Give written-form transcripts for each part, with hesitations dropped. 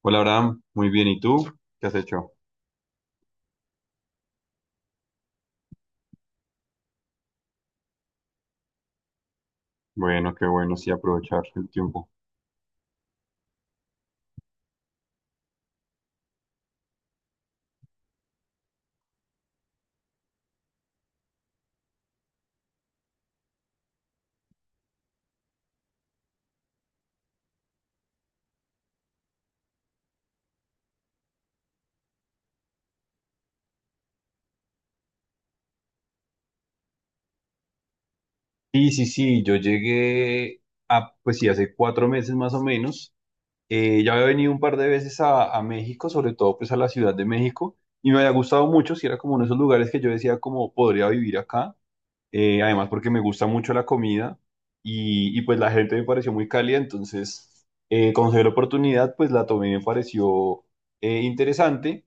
Hola Abraham, muy bien. ¿Y tú? ¿Qué has hecho? Bueno, qué bueno, sí, aprovechar el tiempo. Sí, sí, sí, yo llegué pues sí, hace 4 meses más o menos. Ya había venido un par de veces a México, sobre todo pues a la Ciudad de México, y me había gustado mucho, si era como uno de esos lugares que yo decía como podría vivir acá. Además porque me gusta mucho la comida pues la gente me pareció muy cálida, entonces cuando se dio la oportunidad pues la tomé y me pareció interesante.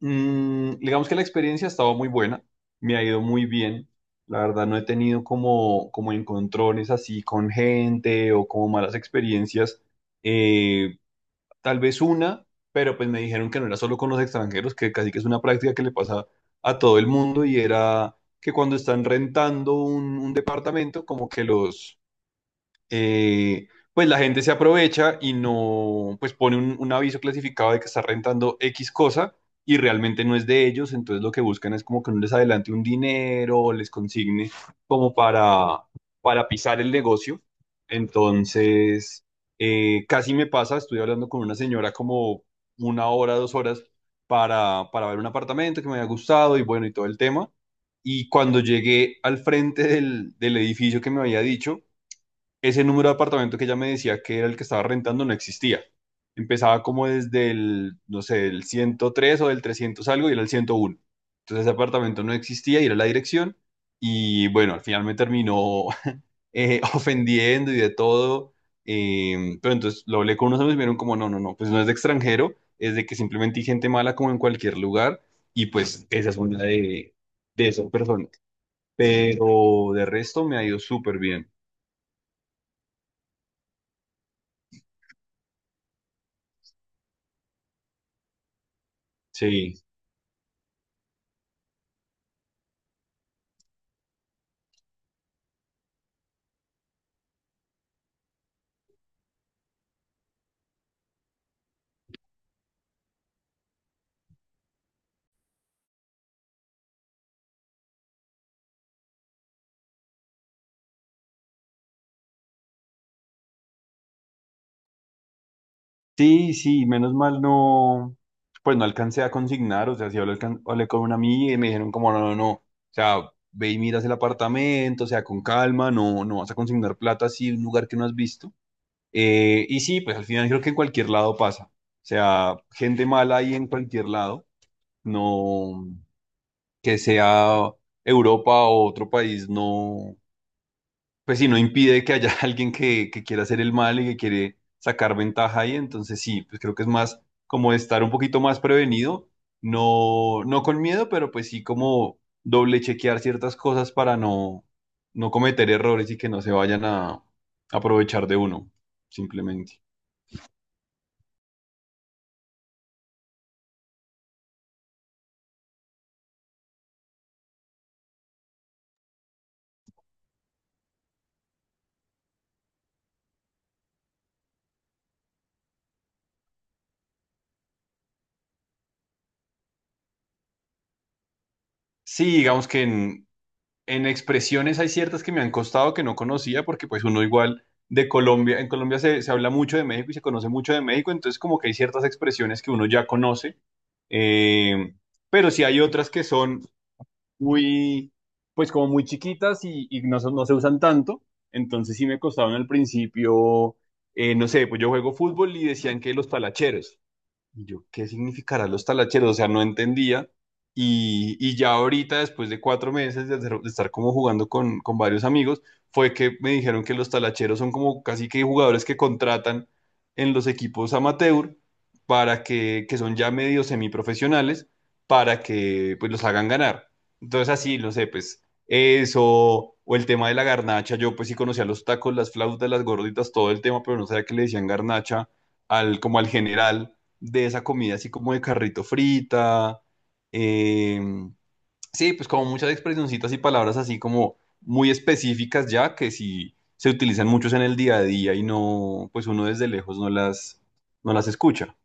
Digamos que la experiencia ha estado muy buena, me ha ido muy bien. La verdad no he tenido como encontrones así con gente o como malas experiencias. Eh, tal vez una, pero pues me dijeron que no era solo con los extranjeros, que casi que es una práctica que le pasa a todo el mundo y era que cuando están rentando un departamento, como que los eh, pues la gente se aprovecha y no, pues pone un aviso clasificado de que está rentando X cosa y realmente no es de ellos, entonces lo que buscan es como que no les adelante un dinero o les consigne como para pisar el negocio. Entonces, casi me pasa, estuve hablando con una señora como 1 hora, 2 horas para ver un apartamento que me había gustado y bueno, y todo el tema. Y cuando llegué al frente del edificio que me había dicho, ese número de apartamento que ella me decía que era el que estaba rentando no existía. Empezaba como desde el, no sé, el 103 o del 300 algo y era el 101. Entonces ese apartamento no existía y era la dirección. Y bueno, al final me terminó ofendiendo y de todo. Pero entonces lo hablé con unos amigos y me dijeron como, no, no, no, pues no es de extranjero, es de que simplemente hay gente mala como en cualquier lugar. Y pues esa es una de esas personas. Pero de resto me ha ido súper bien. Sí. Sí, sí, menos mal no, pues no alcancé a consignar, o sea, sí hablé, hablé con una amiga y me dijeron como, no, no, no, o sea, ve y miras el apartamento, o sea, con calma, no, no vas a consignar plata así en un lugar que no has visto. Y sí, pues al final creo que en cualquier lado pasa, o sea, gente mala ahí en cualquier lado, no, que sea Europa o otro país, no, pues sí, no impide que haya alguien que quiera hacer el mal y que quiere sacar ventaja ahí, entonces sí, pues creo que es más como estar un poquito más prevenido, no, no con miedo, pero pues sí como doble chequear ciertas cosas para no, no cometer errores y que no se vayan a aprovechar de uno, simplemente. Sí, digamos que en expresiones hay ciertas que me han costado que no conocía porque pues uno igual de Colombia, en Colombia se habla mucho de México y se conoce mucho de México, entonces como que hay ciertas expresiones que uno ya conoce, eh, pero sí hay otras que son muy, pues como muy chiquitas y no, no se usan tanto, entonces sí me costaron al principio. No sé, pues yo juego fútbol y decían que los talacheros. Y yo, ¿qué significará los talacheros? O sea, no entendía. Y ya ahorita, después de 4 meses de estar como jugando con varios amigos, fue que me dijeron que los talacheros son como casi que jugadores que contratan en los equipos amateur para que son ya medio semiprofesionales, para que pues los hagan ganar. Entonces así, no sé, pues eso, o el tema de la garnacha, yo pues sí conocía los tacos, las flautas, las gorditas, todo el tema, pero no sabía que le decían garnacha al, como al general de esa comida así como de carrito frita. eh, sí, pues como muchas expresioncitas y palabras así como muy específicas ya que sí se utilizan muchos en el día a día y no, pues uno desde lejos no las escucha.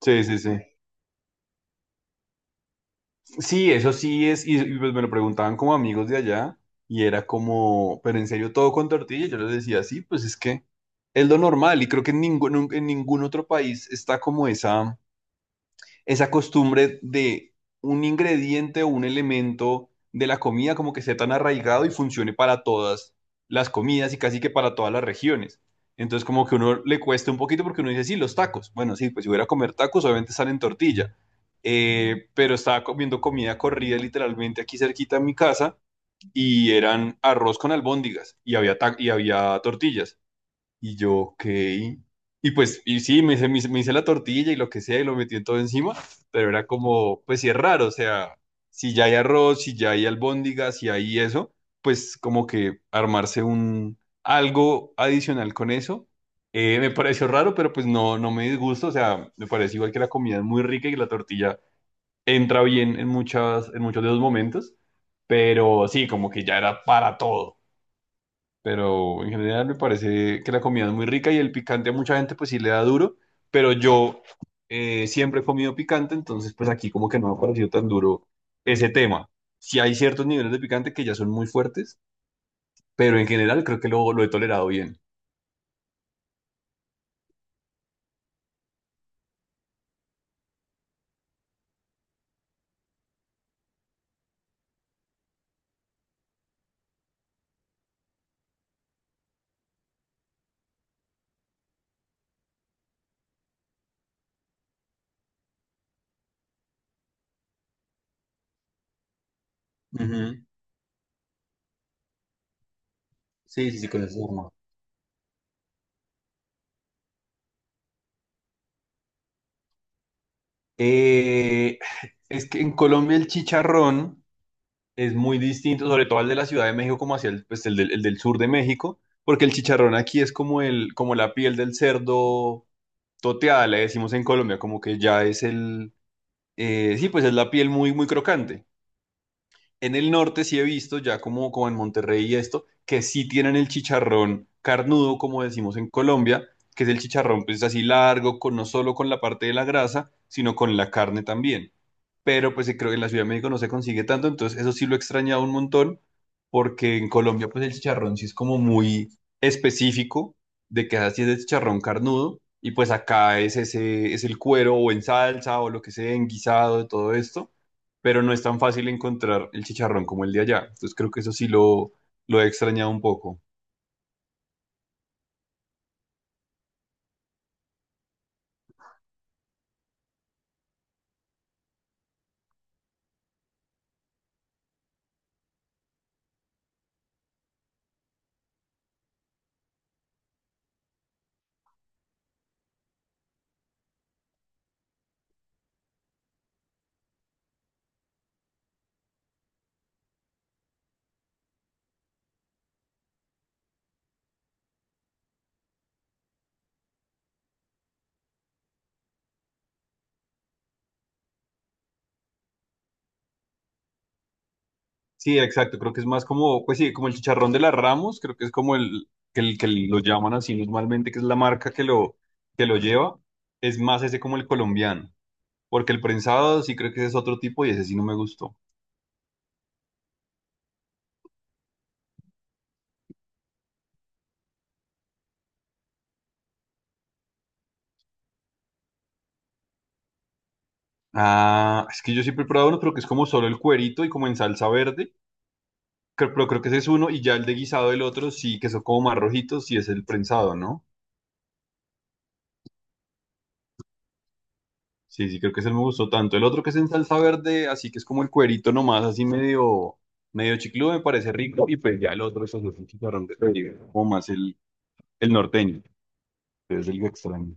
Sí, sí, sí. Sí, eso sí es, y pues me lo preguntaban como amigos de allá y era como, pero en serio todo con tortilla, yo les decía, sí, pues es que es lo normal y creo que en ningún otro país está como esa costumbre de un ingrediente o un elemento de la comida como que sea tan arraigado y funcione para todas las comidas y casi que para todas las regiones. Entonces como que uno le cuesta un poquito porque uno dice, sí, los tacos. Bueno, sí, pues si hubiera a comer tacos, obviamente salen tortilla. Pero estaba comiendo comida corrida literalmente aquí cerquita de mi casa y eran arroz con albóndigas y había tortillas. Y yo, ok. Y pues, y sí, me hice la tortilla y lo que sea, y lo metí en todo encima, pero era como, pues sí es raro, o sea, si ya hay arroz, si ya hay albóndigas, si hay eso, pues como que armarse un algo adicional con eso, me pareció raro, pero pues no, no me disgusta, o sea, me parece igual que la comida es muy rica y que la tortilla entra bien en muchas, en muchos de los momentos, pero sí, como que ya era para todo. Pero en general me parece que la comida es muy rica y el picante a mucha gente pues sí le da duro, pero yo siempre he comido picante, entonces pues aquí como que no me ha parecido tan duro ese tema. Sí hay ciertos niveles de picante que ya son muy fuertes, pero en general creo que lo he tolerado bien. Ujú. Sí, sí, sí, con eso. Eh, es que en Colombia el chicharrón es muy distinto, sobre todo al de la Ciudad de México, como hacia el del sur de México, porque el chicharrón aquí es como la piel del cerdo toteada, le decimos en Colombia, como que ya es el, sí, pues es la piel muy, muy crocante. En el norte sí he visto, ya como en Monterrey y esto, que sí tienen el chicharrón carnudo, como decimos en Colombia, que es el chicharrón pues así largo, no solo con la parte de la grasa, sino con la carne también. Pero pues creo que en la Ciudad de México no se consigue tanto, entonces eso sí lo he extrañado un montón, porque en Colombia pues el chicharrón sí es como muy específico de que así es el chicharrón carnudo, y pues acá es ese, es el cuero o en salsa o lo que sea, en guisado, de todo esto, pero no es tan fácil encontrar el chicharrón como el de allá. Entonces creo que eso sí lo he extrañado un poco. Sí, exacto, creo que es más como, pues sí, como el chicharrón de las Ramos, creo que es como el que, que lo llaman así normalmente, que es la marca que lo lleva, es más ese como el colombiano, porque el prensado sí creo que ese es otro tipo y ese sí no me gustó. Ah, es que yo siempre he probado uno, pero que es como solo el cuerito y como en salsa verde, pero creo que ese es uno y ya el de guisado del otro sí, que son como más rojitos, sí es el prensado, ¿no? Sí, sí, creo que ese me gustó tanto. El otro que es en salsa verde, así que es como el cuerito nomás, así medio chicludo, me parece rico. Y pues ya el otro es así, un chicharrón de Caribe, como más el norteño, que es el que extraño.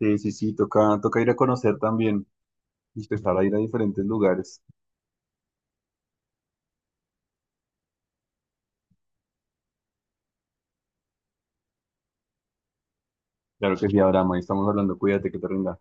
Sí, sí, sí, toca ir a conocer también y empezar a ir a diferentes lugares. Claro que sí, Abraham, ahí estamos hablando, cuídate que te rinda.